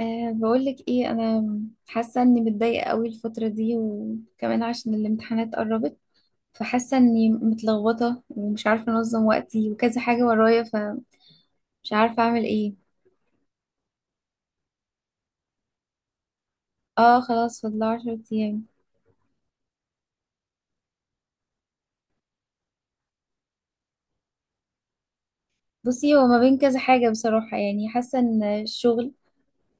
بقولك ايه. انا حاسه اني متضايقه قوي الفتره دي، وكمان عشان الامتحانات قربت، فحاسه اني متلخبطه ومش عارفه انظم وقتي وكذا حاجه ورايا، فمش عارفه اعمل ايه. اه خلاص، فاضل 10 ايام. بصي، هو ما بين كذا حاجه بصراحه، يعني حاسه ان الشغل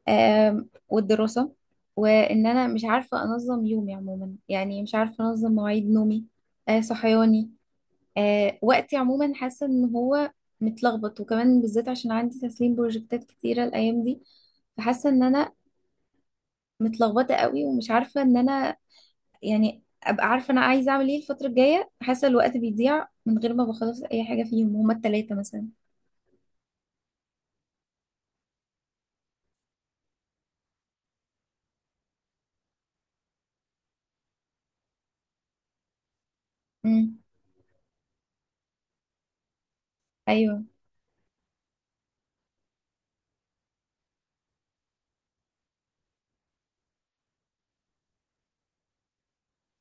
والدراسه، وان انا مش عارفه انظم يومي عموما، يعني مش عارفه انظم مواعيد نومي صحياني وقتي عموما. حاسة ان هو متلخبط، وكمان بالذات عشان عندي تسليم بروجكتات كتيرة الايام دي، فحاسة ان انا متلخبطة قوي ومش عارفة ان انا يعني ابقى عارفة انا عايزة اعمل ايه الفترة الجاية. حاسة الوقت بيضيع من غير ما بخلص اي حاجة فيهم هما التلاتة مثلا. امم. ايوه،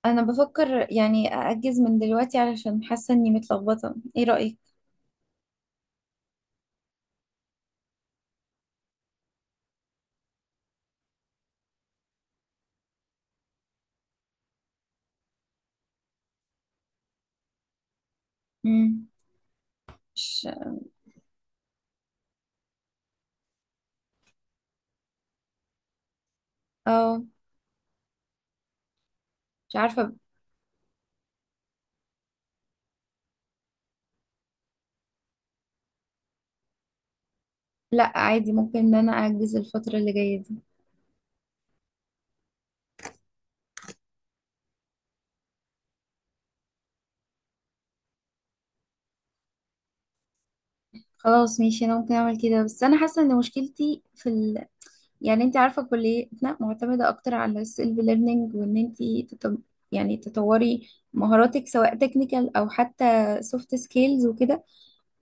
انا بفكر يعني ااجز من دلوقتي، علشان حاسة اني متلخبطة. ايه رأيك؟ امم. مش اه مش عارفة. لا عادي، ممكن ان انا ااجز الفترة اللي جاية دي. خلاص ماشي، انا ممكن اعمل كده، بس انا حاسه ان مشكلتي في يعني انت عارفه كليتنا معتمده اكتر على السيلف ليرنينج، وان انت تت... يعني تطوري مهاراتك سواء تكنيكال او حتى سوفت سكيلز وكده.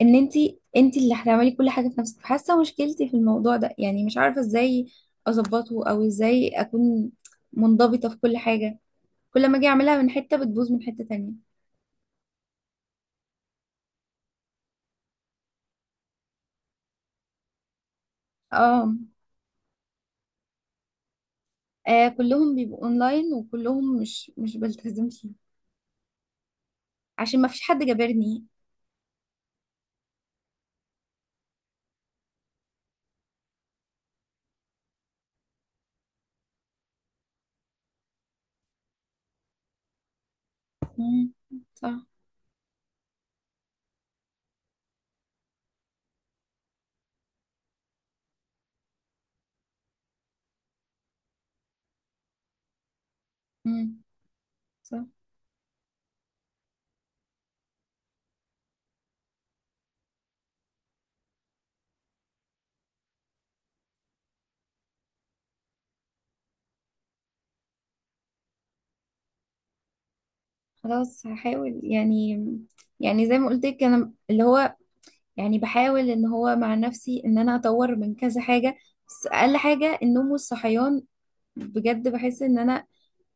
ان انت انت اللي هتعملي كل حاجه في نفسك، فحاسه مشكلتي في الموضوع ده، يعني مش عارفه ازاي اظبطه او ازاي اكون منضبطه في كل حاجه. كل ما اجي اعملها من حته بتبوظ من حته تانية. اه. آه، كلهم بيبقوا اونلاين، وكلهم مش بلتزم عشان ما فيش حد جابرني. مم. صح. مم. صح. خلاص هحاول يعني، يعني زي ما قلت لك انا اللي هو يعني بحاول ان هو مع نفسي ان انا اطور من كذا حاجة، بس اقل حاجة النوم والصحيان. بجد بحس ان انا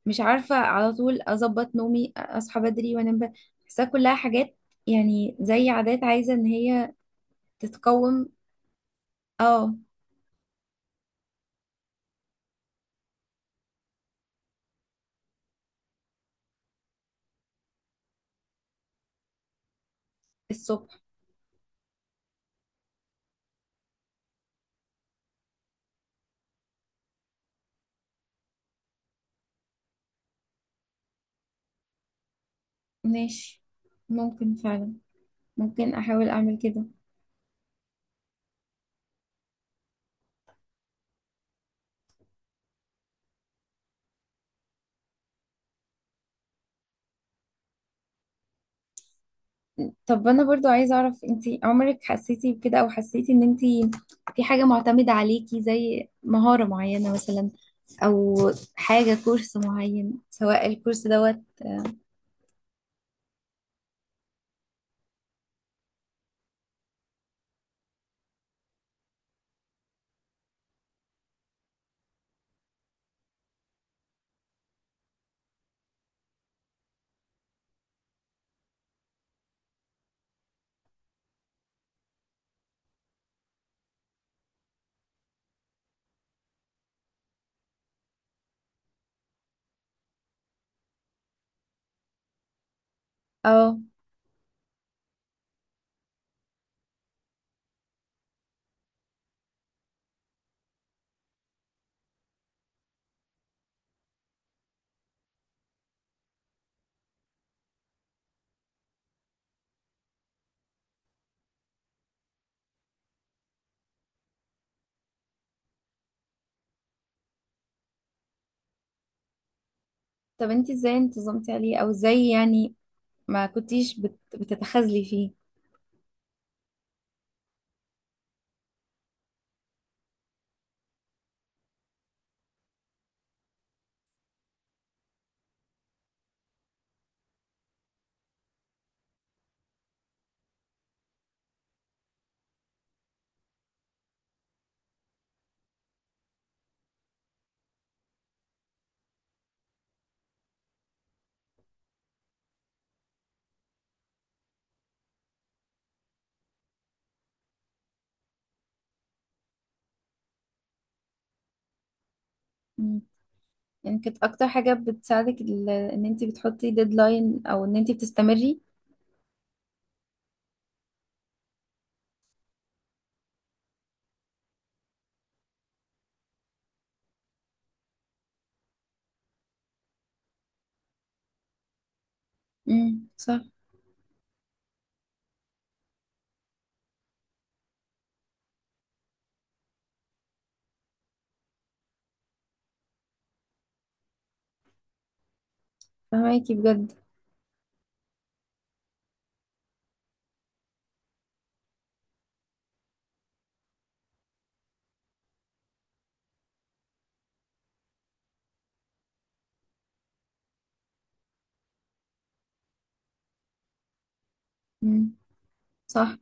مش عارفة على طول اظبط نومي، اصحى بدري وانام بدري. بحسها كلها حاجات يعني زي عادات عايزة ان هي تتقوم. اه. الصبح. ماشي، ممكن فعلا، ممكن احاول اعمل كده. طب انا برضو عايزه اعرف، انتي عمرك حسيتي بكده، او حسيتي ان انتي في حاجه معتمده عليكي زي مهاره معينه مثلا، او حاجه كورس معين سواء الكورس دوت؟ اه. طب انتي ازاي انتظمتي عليه؟ او ازاي يعني ما كنتيش بتتخاذلي فيه؟ مم. يعني كانت اكتر حاجه بتساعدك ان انتي بتحطي ديدلاين، او ان انتي بتستمري؟ امم، صح. فهماكي بجد. امم، صح.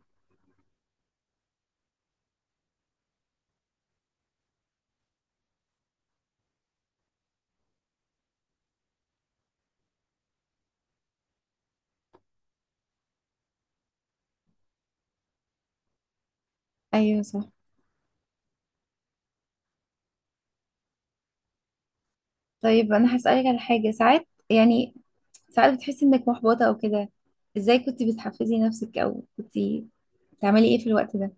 ايوه صح. طيب انا هسألك على حاجه. ساعات يعني، ساعات بتحسي انك محبطة او كده، ازاي كنت بتحفزي نفسك، او كنت بتعملي ايه في الوقت ده؟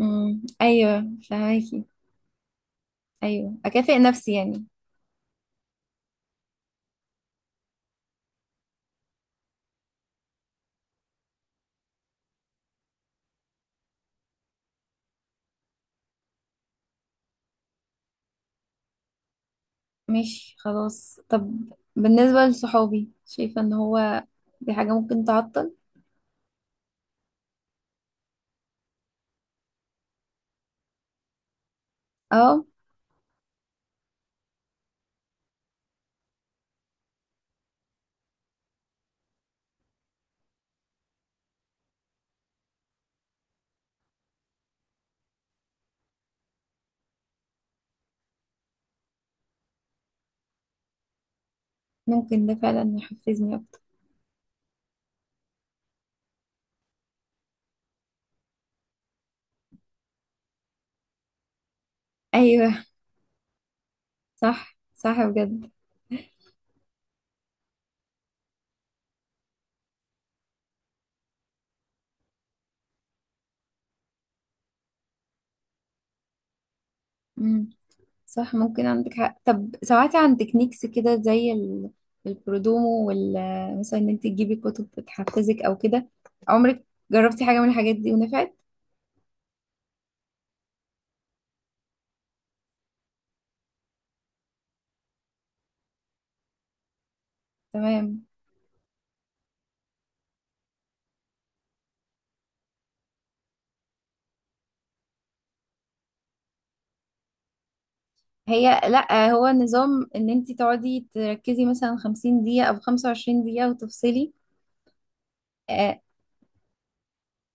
امم، ايوه فهماكي. ايوه، اكافئ نفسي يعني. ماشي خلاص. طب بالنسبة لصحابي، شايفة ان هو دي حاجة ممكن تعطل؟ اه، ممكن ده فعلا يحفزني اكتر. ايوه، صح صح بجد. مم. صح، ممكن عندك حق. طب سمعتي عن تكنيكس كده زي البرودومو وال مثلا، ان انت تجيبي كتب بتحفزك او كده؟ عمرك جربتي حاجة من الحاجات دي ونفعت؟ تمام. هي لا، هو نظام ان انت تقعدي تركزي مثلا 50 دقيقة او 25 دقيقة وتفصلي. آه،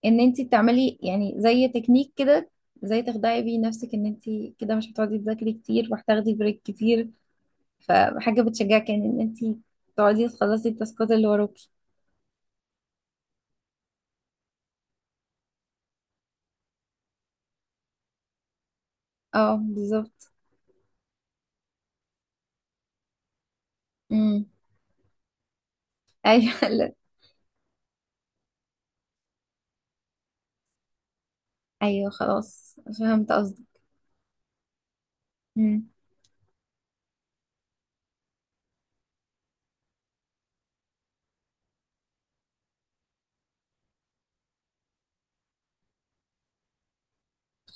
ان انت تعملي يعني زي تكنيك كده، زي تخدعي بيه نفسك ان انت كده مش هتقعدي تذاكري كتير وهتاخدي بريك كتير، فحاجة بتشجعك يعني ان انت تقعدي تخلصي التاسكات اللي وراكي. اه بالظبط. امم، ايوه. لا. ايوه، خلاص فهمت قصدي. امم.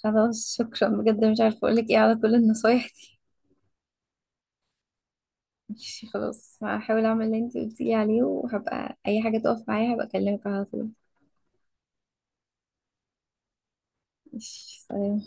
خلاص، شكرا بجد، مش عارفه اقول لك ايه على كل النصايح دي. ماشي خلاص، هحاول اعمل اللي انت قلتي لي عليه، وهبقى اي حاجه تقف معايا هبقى اكلمك على طول. ماشي، سلام.